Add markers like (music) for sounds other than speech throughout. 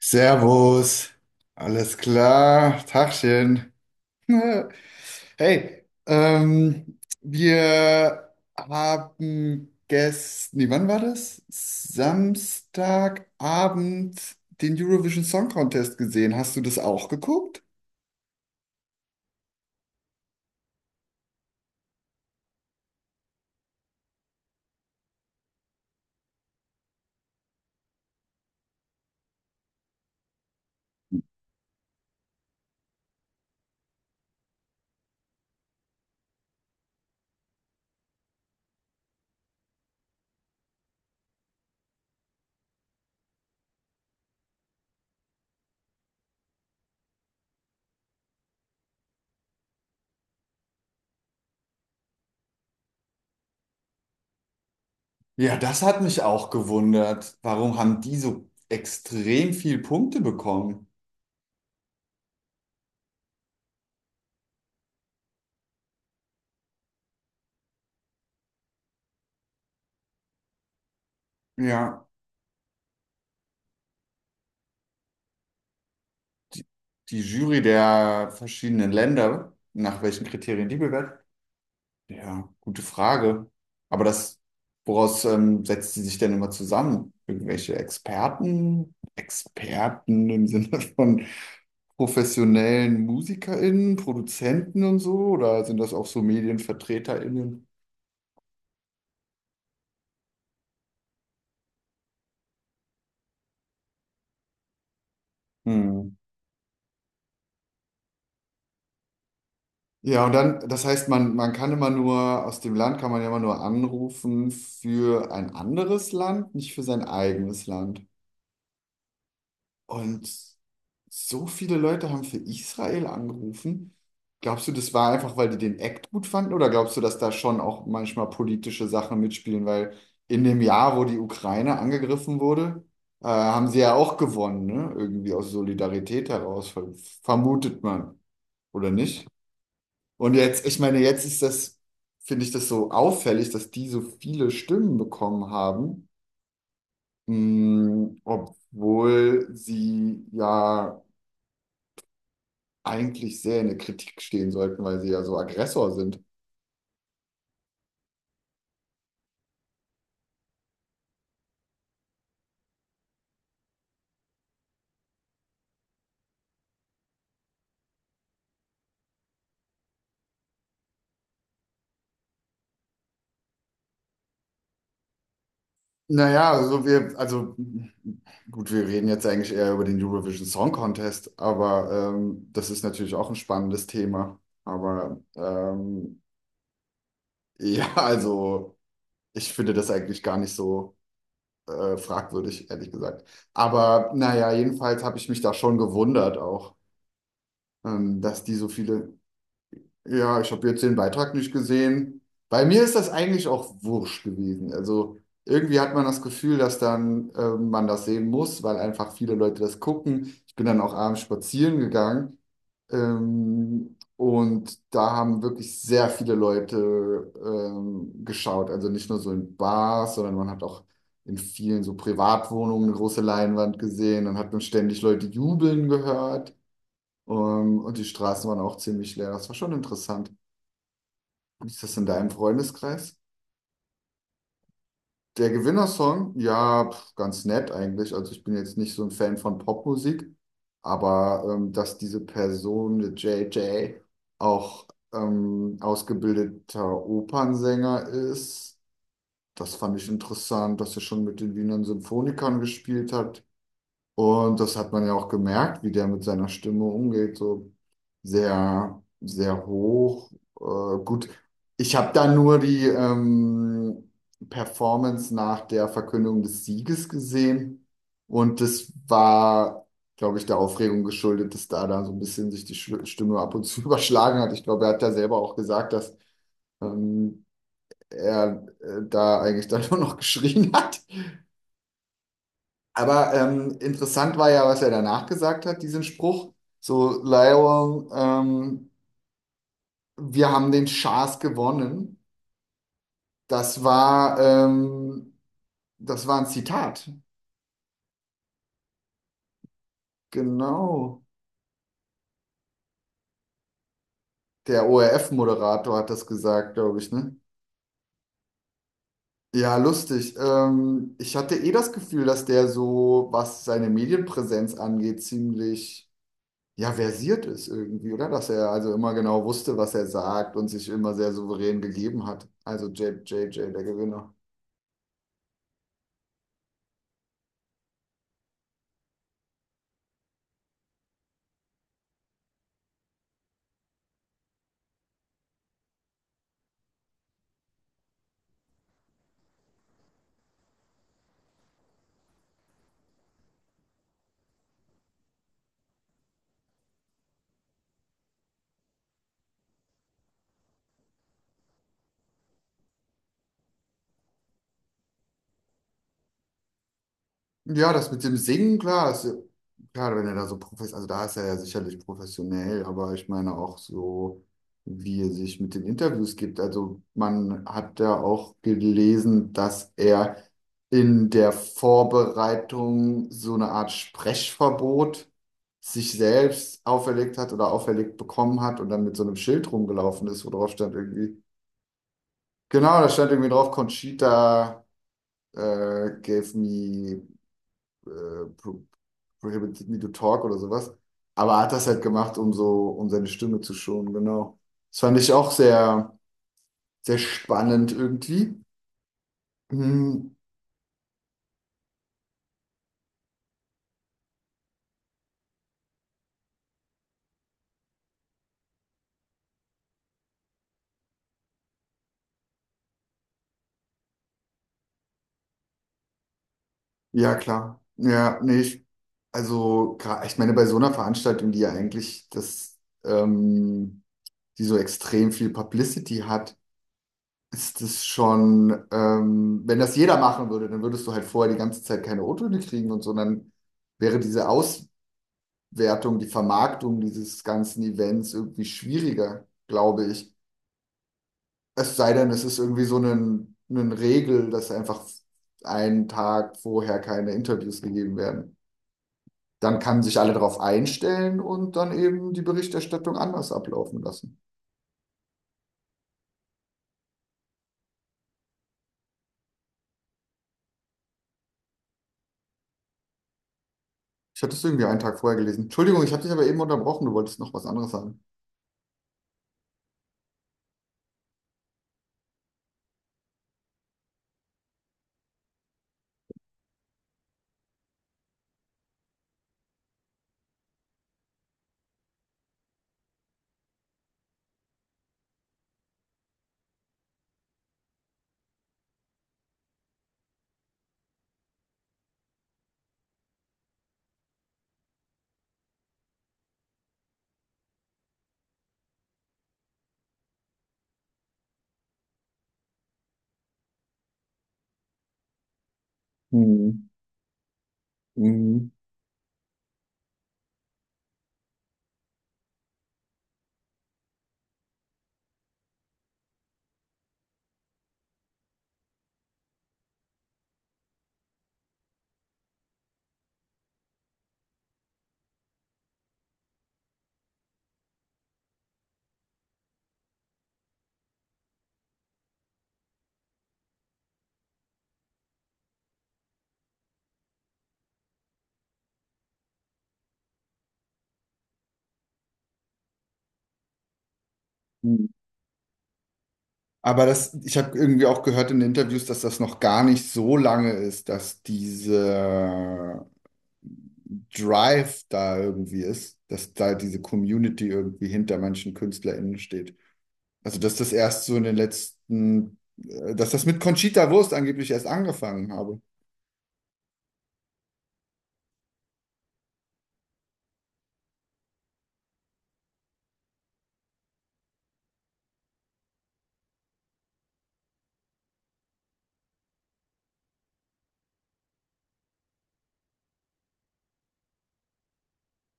Servus, alles klar, Tagchen. (laughs) Hey, wir haben gestern, nee, wann war das? Samstagabend den Eurovision Song Contest gesehen. Hast du das auch geguckt? Ja, das hat mich auch gewundert. Warum haben die so extrem viel Punkte bekommen? Ja, die, die Jury der verschiedenen Länder, nach welchen Kriterien die bewertet. Ja, gute Frage. Aber das, woraus setzt sie sich denn immer zusammen? Irgendwelche Experten? Experten im Sinne von professionellen MusikerInnen, Produzenten und so? Oder sind das auch so MedienvertreterInnen? Hm. Ja, und dann, das heißt, man kann immer nur, aus dem Land kann man ja immer nur anrufen für ein anderes Land, nicht für sein eigenes Land. Und so viele Leute haben für Israel angerufen. Glaubst du, das war einfach, weil die den Act gut fanden? Oder glaubst du, dass da schon auch manchmal politische Sachen mitspielen? Weil in dem Jahr, wo die Ukraine angegriffen wurde, haben sie ja auch gewonnen, ne? Irgendwie aus Solidarität heraus, vermutet man, oder nicht? Und jetzt, ich meine, jetzt ist das, finde ich das so auffällig, dass die so viele Stimmen bekommen haben, mh, obwohl sie ja eigentlich sehr in der Kritik stehen sollten, weil sie ja so Aggressor sind. Naja, also wir, also gut, wir reden jetzt eigentlich eher über den Eurovision Song Contest, aber das ist natürlich auch ein spannendes Thema. Aber ja, also ich finde das eigentlich gar nicht so fragwürdig, ehrlich gesagt. Aber naja, jedenfalls habe ich mich da schon gewundert auch, dass die so viele. Ja, ich habe jetzt den Beitrag nicht gesehen. Bei mir ist das eigentlich auch wurscht gewesen. Also irgendwie hat man das Gefühl, dass dann man das sehen muss, weil einfach viele Leute das gucken. Ich bin dann auch abends spazieren gegangen. Und da haben wirklich sehr viele Leute geschaut. Also nicht nur so in Bars, sondern man hat auch in vielen so Privatwohnungen eine große Leinwand gesehen. Dann hat man ständig Leute jubeln gehört. Und die Straßen waren auch ziemlich leer. Das war schon interessant. Wie ist das in deinem Freundeskreis? Der Gewinnersong, ja, pf, ganz nett eigentlich. Also ich bin jetzt nicht so ein Fan von Popmusik, aber dass diese Person, der JJ, auch ausgebildeter Opernsänger ist, das fand ich interessant, dass er schon mit den Wiener Symphonikern gespielt hat. Und das hat man ja auch gemerkt, wie der mit seiner Stimme umgeht, so sehr, sehr hoch. Gut, ich habe da nur die Performance nach der Verkündung des Sieges gesehen und das war, glaube ich, der Aufregung geschuldet, dass da dann so ein bisschen sich die Stimme ab und zu (laughs) überschlagen hat. Ich glaube, er hat da selber auch gesagt, dass ähm, er da eigentlich dann nur noch (laughs) geschrien hat. Aber interessant war ja, was er danach gesagt hat, diesen Spruch. So, Lionel, wir haben den Schaß gewonnen. Das war, ähm, das war ein Zitat. Genau. Der ORF-Moderator hat das gesagt, glaube ich, ne? Ja, lustig. Ich hatte eh das Gefühl, dass der so, was seine Medienpräsenz angeht, ziemlich, ja, versiert ist irgendwie, oder? Dass er also immer genau wusste, was er sagt und sich immer sehr souverän gegeben hat. Also J J, der Gewinner. Ja, das mit dem Singen, klar, ist, ja, klar, wenn er da so professionell, also da ist er ja sicherlich professionell, aber ich meine auch so, wie er sich mit den Interviews gibt. Also man hat ja auch gelesen, dass er in der Vorbereitung so eine Art Sprechverbot sich selbst auferlegt hat oder auferlegt bekommen hat und dann mit so einem Schild rumgelaufen ist, wo drauf stand irgendwie, genau, da stand irgendwie drauf, Conchita gave me äh, pro prohibited me to talk oder sowas. Aber er hat das halt gemacht, um so, um seine Stimme zu schonen, genau. Das fand ich auch sehr, sehr spannend irgendwie. Hm, ja, klar. Ja, nee, ich, also, ich meine, bei so einer Veranstaltung, die ja eigentlich das, ähm, die so extrem viel Publicity hat, ist es schon, wenn das jeder machen würde, dann würdest du halt vorher die ganze Zeit keine O-Töne kriegen und so, und dann wäre diese Aus, Wertung, die Vermarktung dieses ganzen Events irgendwie schwieriger, glaube ich. Es sei denn, es ist irgendwie so eine Regel, dass einfach einen Tag vorher keine Interviews gegeben werden. Dann kann sich alle darauf einstellen und dann eben die Berichterstattung anders ablaufen lassen. Ich hatte es irgendwie einen Tag vorher gelesen. Entschuldigung, ich habe dich aber eben unterbrochen. Du wolltest noch was anderes sagen. Hm, hm, hm. Aber das, ich habe irgendwie auch gehört in Interviews, dass das noch gar nicht so lange ist, dass diese Drive da irgendwie ist, dass da diese Community irgendwie hinter manchen KünstlerInnen steht. Also, dass das erst so in den letzten, dass das mit Conchita Wurst angeblich erst angefangen habe.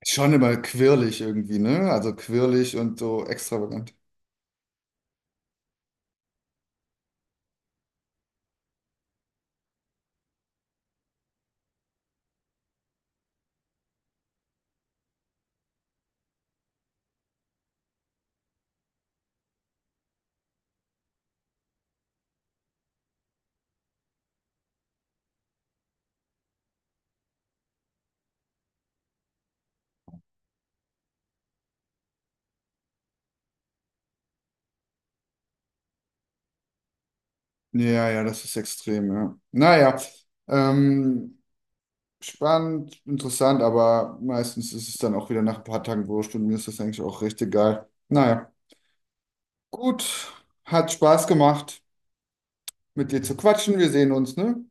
Schon immer quirlig irgendwie, ne? Also quirlig und so extravagant. Ja, ja, das ist extrem, ja. Naja, ähm, spannend, interessant, aber meistens ist es dann auch wieder nach ein paar Tagen wurscht und mir ist das eigentlich auch recht egal. Naja, gut, hat Spaß gemacht, mit dir zu quatschen. Wir sehen uns, ne?